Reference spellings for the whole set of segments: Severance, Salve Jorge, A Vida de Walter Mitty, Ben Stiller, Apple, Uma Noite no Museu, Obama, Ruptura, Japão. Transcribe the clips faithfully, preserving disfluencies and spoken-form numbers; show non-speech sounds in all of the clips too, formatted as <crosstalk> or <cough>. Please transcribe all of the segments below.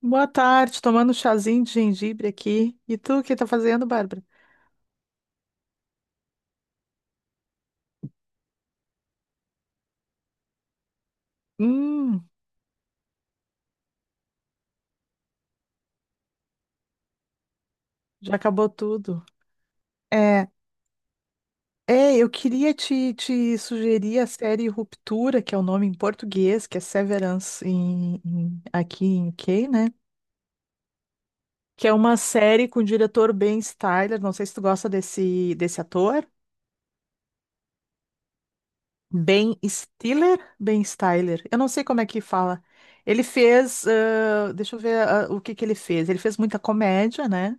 Boa tarde, tomando um chazinho de gengibre aqui. E tu, o que tá fazendo, Bárbara? Hum, já acabou tudo. É, é, eu queria te, te sugerir a série Ruptura, que é o nome em português, que é Severance em, em- aqui em U K, né? Que é uma série com o diretor Ben Stiller. Não sei se tu gosta desse, desse ator. Ben Stiller? Ben Stiller. Eu não sei como é que fala. Ele fez, ah, deixa eu ver, ah, o que que ele fez. Ele fez muita comédia, né?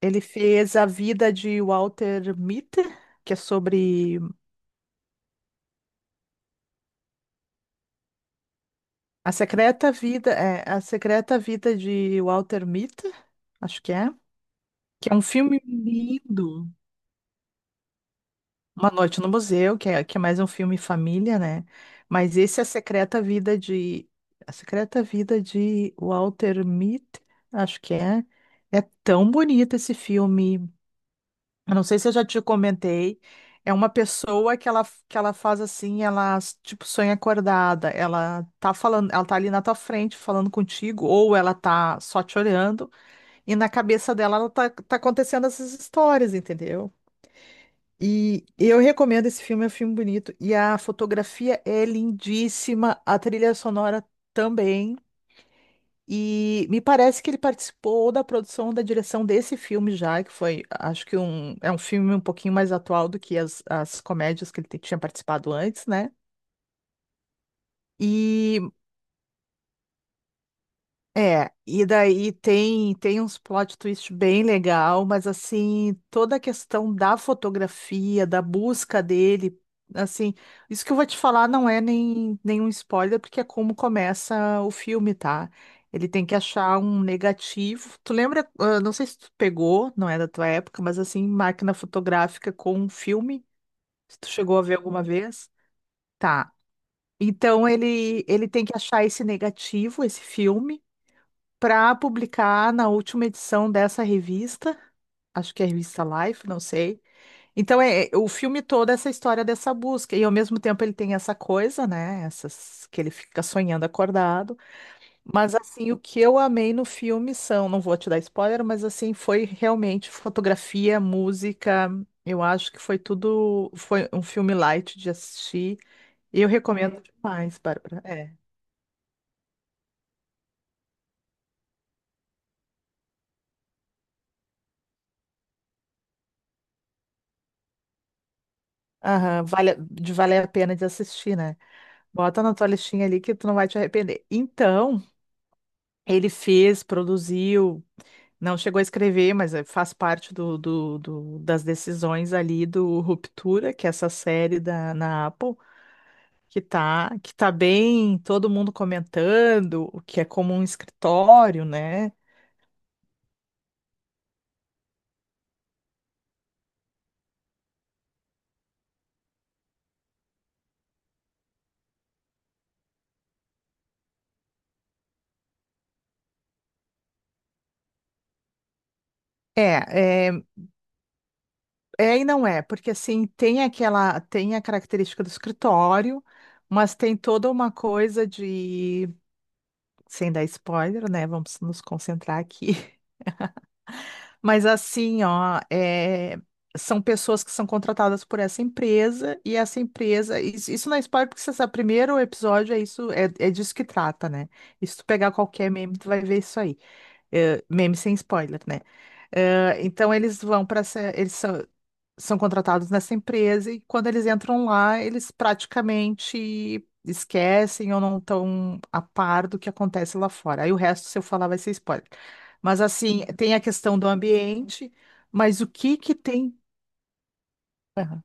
Ele fez A Vida de Walter Mitty, que é sobre a secreta vida, é, a secreta vida de Walter Mitty, acho que é, que é um filme lindo. Uma Noite no Museu, que é, que é mais um filme família, né? Mas esse é a secreta vida de a secreta vida de Walter Mitty, acho que é. É tão bonito esse filme. Eu não sei se eu já te comentei, é uma pessoa que ela, que ela faz assim, ela tipo sonha acordada, ela tá falando, ela tá ali na tua frente falando contigo, ou ela tá só te olhando, e na cabeça dela ela tá, tá acontecendo essas histórias, entendeu? E eu recomendo esse filme, é um filme bonito, e a fotografia é lindíssima, a trilha sonora também. E me parece que ele participou da produção ou da direção desse filme já, que foi, acho que um, é um filme um pouquinho mais atual do que as, as comédias que ele te- tinha participado antes, né? E é, e daí tem tem uns plot twist bem legal, mas assim, toda a questão da fotografia, da busca dele, assim, isso que eu vou te falar não é nem nenhum spoiler, porque é como começa o filme, tá? Ele tem que achar um negativo. Tu lembra, ah, não sei se tu pegou, não é da tua época, mas assim, máquina fotográfica com um filme, se tu chegou a ver alguma vez? Tá. Então ele ele tem que achar esse negativo, esse filme para publicar na última edição dessa revista, acho que é a revista Life, não sei. Então é é, o filme todo é essa história dessa busca e ao mesmo tempo ele tem essa coisa, né, essas que ele fica sonhando acordado, mas assim o que eu amei no filme são, não vou te dar spoiler, mas assim foi realmente fotografia, música, eu acho que foi tudo, foi um filme light de assistir e eu recomendo demais, Bárbara. É. Aham, vale, de valer a pena de assistir, né? Bota na tua listinha ali que tu não vai te arrepender. Então, ele fez, produziu, não chegou a escrever, mas eh, faz parte do, do- do- das decisões ali do Ruptura, que é essa série da, na Apple, que tá, que tá bem, todo mundo comentando, o que é como um escritório, né? É, é, é e não é, porque assim, tem aquela, tem a característica do escritório, mas tem toda uma coisa de, sem dar spoiler, né? Vamos nos concentrar aqui. Mas assim, ó, é, são pessoas que são contratadas por essa empresa e essa empresa. Isso, isso não é spoiler, porque você sabe, primeiro episódio é isso, é, é disso que trata, né? E se tu pegar qualquer meme, tu vai ver isso aí. É, meme sem spoiler, né? É, então eles vão para essa. Eles são, são contratados nessa empresa e quando eles entram lá, eles praticamente esquecem ou não estão a par do que acontece lá fora. Aí o resto, se eu falar, vai ser spoiler. Mas assim, tem a questão do ambiente, mas o que que tem? Aham.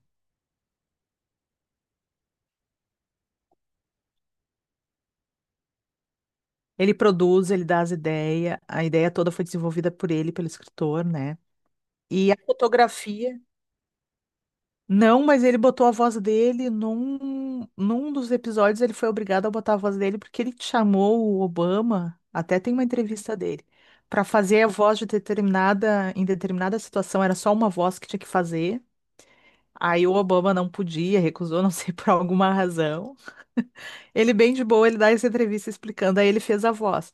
Ele produz, ele dá as ideias, a ideia toda foi desenvolvida por ele, pelo escritor, né? E a fotografia não, mas ele botou a voz dele num, num dos episódios, ele foi obrigado a botar a voz dele porque ele chamou o Obama, até tem uma entrevista dele, para fazer a voz de determinada, em determinada situação, era só uma voz que tinha que fazer. Aí o Obama não podia, recusou, não sei <laughs> por alguma razão. Ele bem de boa, ele dá essa entrevista explicando, aí ele fez a voz.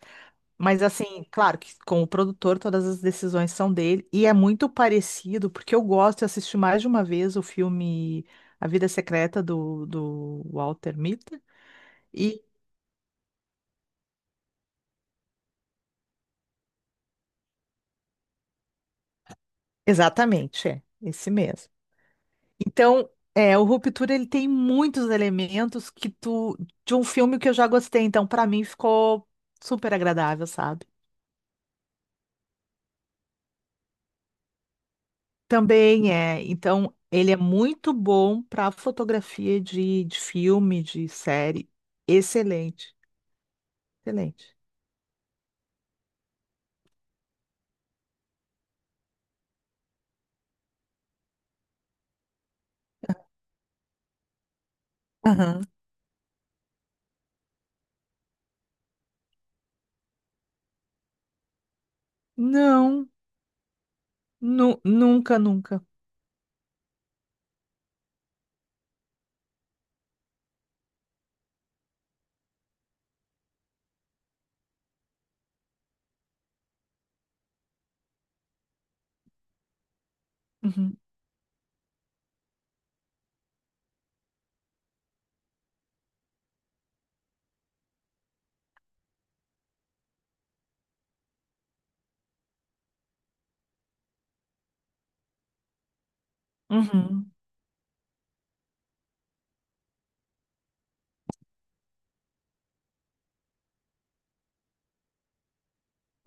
Mas assim, claro que com o produtor todas as decisões são dele e é muito parecido, porque eu gosto, eu assisti mais de uma vez o filme A Vida Secreta do, do Walter Mitty e exatamente, é, esse mesmo. Então, é, o Ruptura ele tem muitos elementos que tu de um filme que eu já gostei, então pra mim ficou super agradável, sabe? Também é, então ele é muito bom para fotografia de, de filme, de série. Excelente. Excelente. Aham. Não, nu- nunca, nunca. Uhum. Uhum.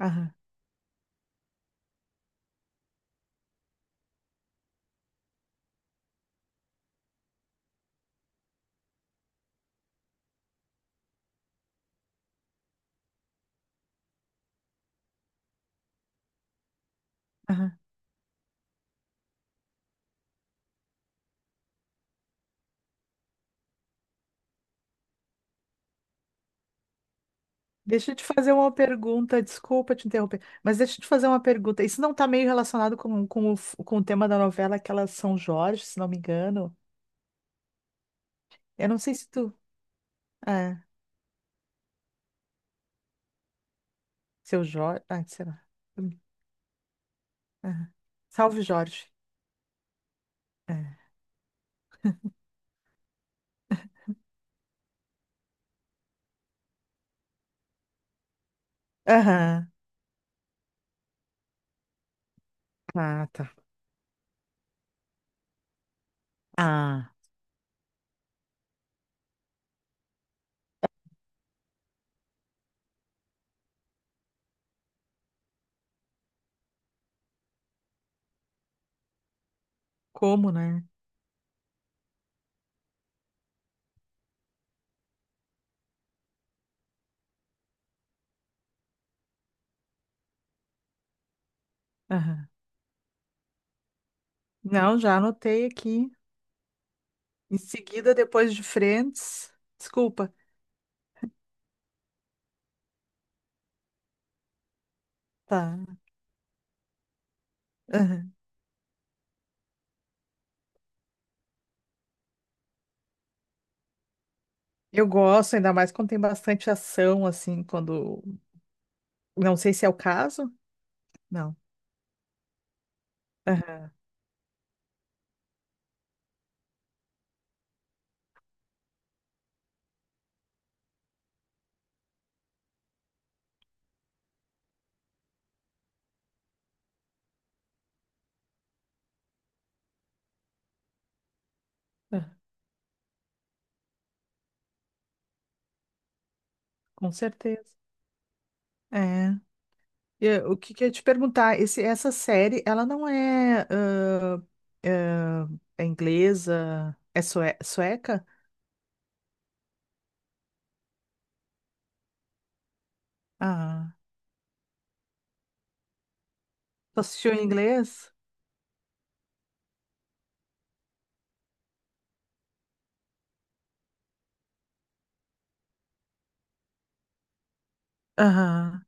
Aham. Aham. Deixa eu te fazer uma pergunta, desculpa te interromper, mas deixa eu te fazer uma pergunta. Isso não está meio relacionado com, com, o, f- com o tema da novela, aquela São Jorge, se não me engano. Eu não sei se tu. É, seu Jorge. Ah, sei lá. Hum, aham. Salve Jorge. É. Aham. Ah, tá. Ah, como, né? Aham. Não, já anotei aqui. Em seguida, depois de Friends. Desculpa. Tá. Aham. Eu gosto, ainda mais quando tem bastante ação, assim, quando. Não sei se é o caso. Não. Aham, aham. Com certeza. É. E, eh, o que que eu ia te perguntar? Esse, essa série, ela não é, ah, ah, é inglesa? É sue- sueca? Ah. Tu assistiu em inglês? Aham.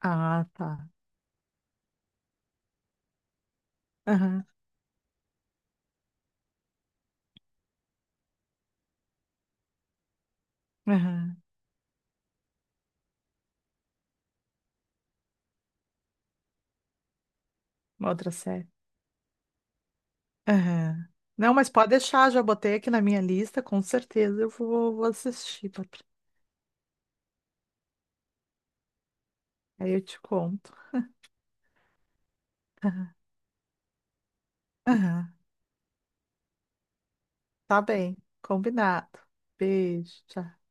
Ah, tá. Aham. Aham. Uma outra série. Aham. Não, mas pode deixar, já botei aqui na minha lista, com certeza eu vou, vou assistir. Aí eu te conto. <laughs> Aham. Tá bem, combinado. Beijo, tchau.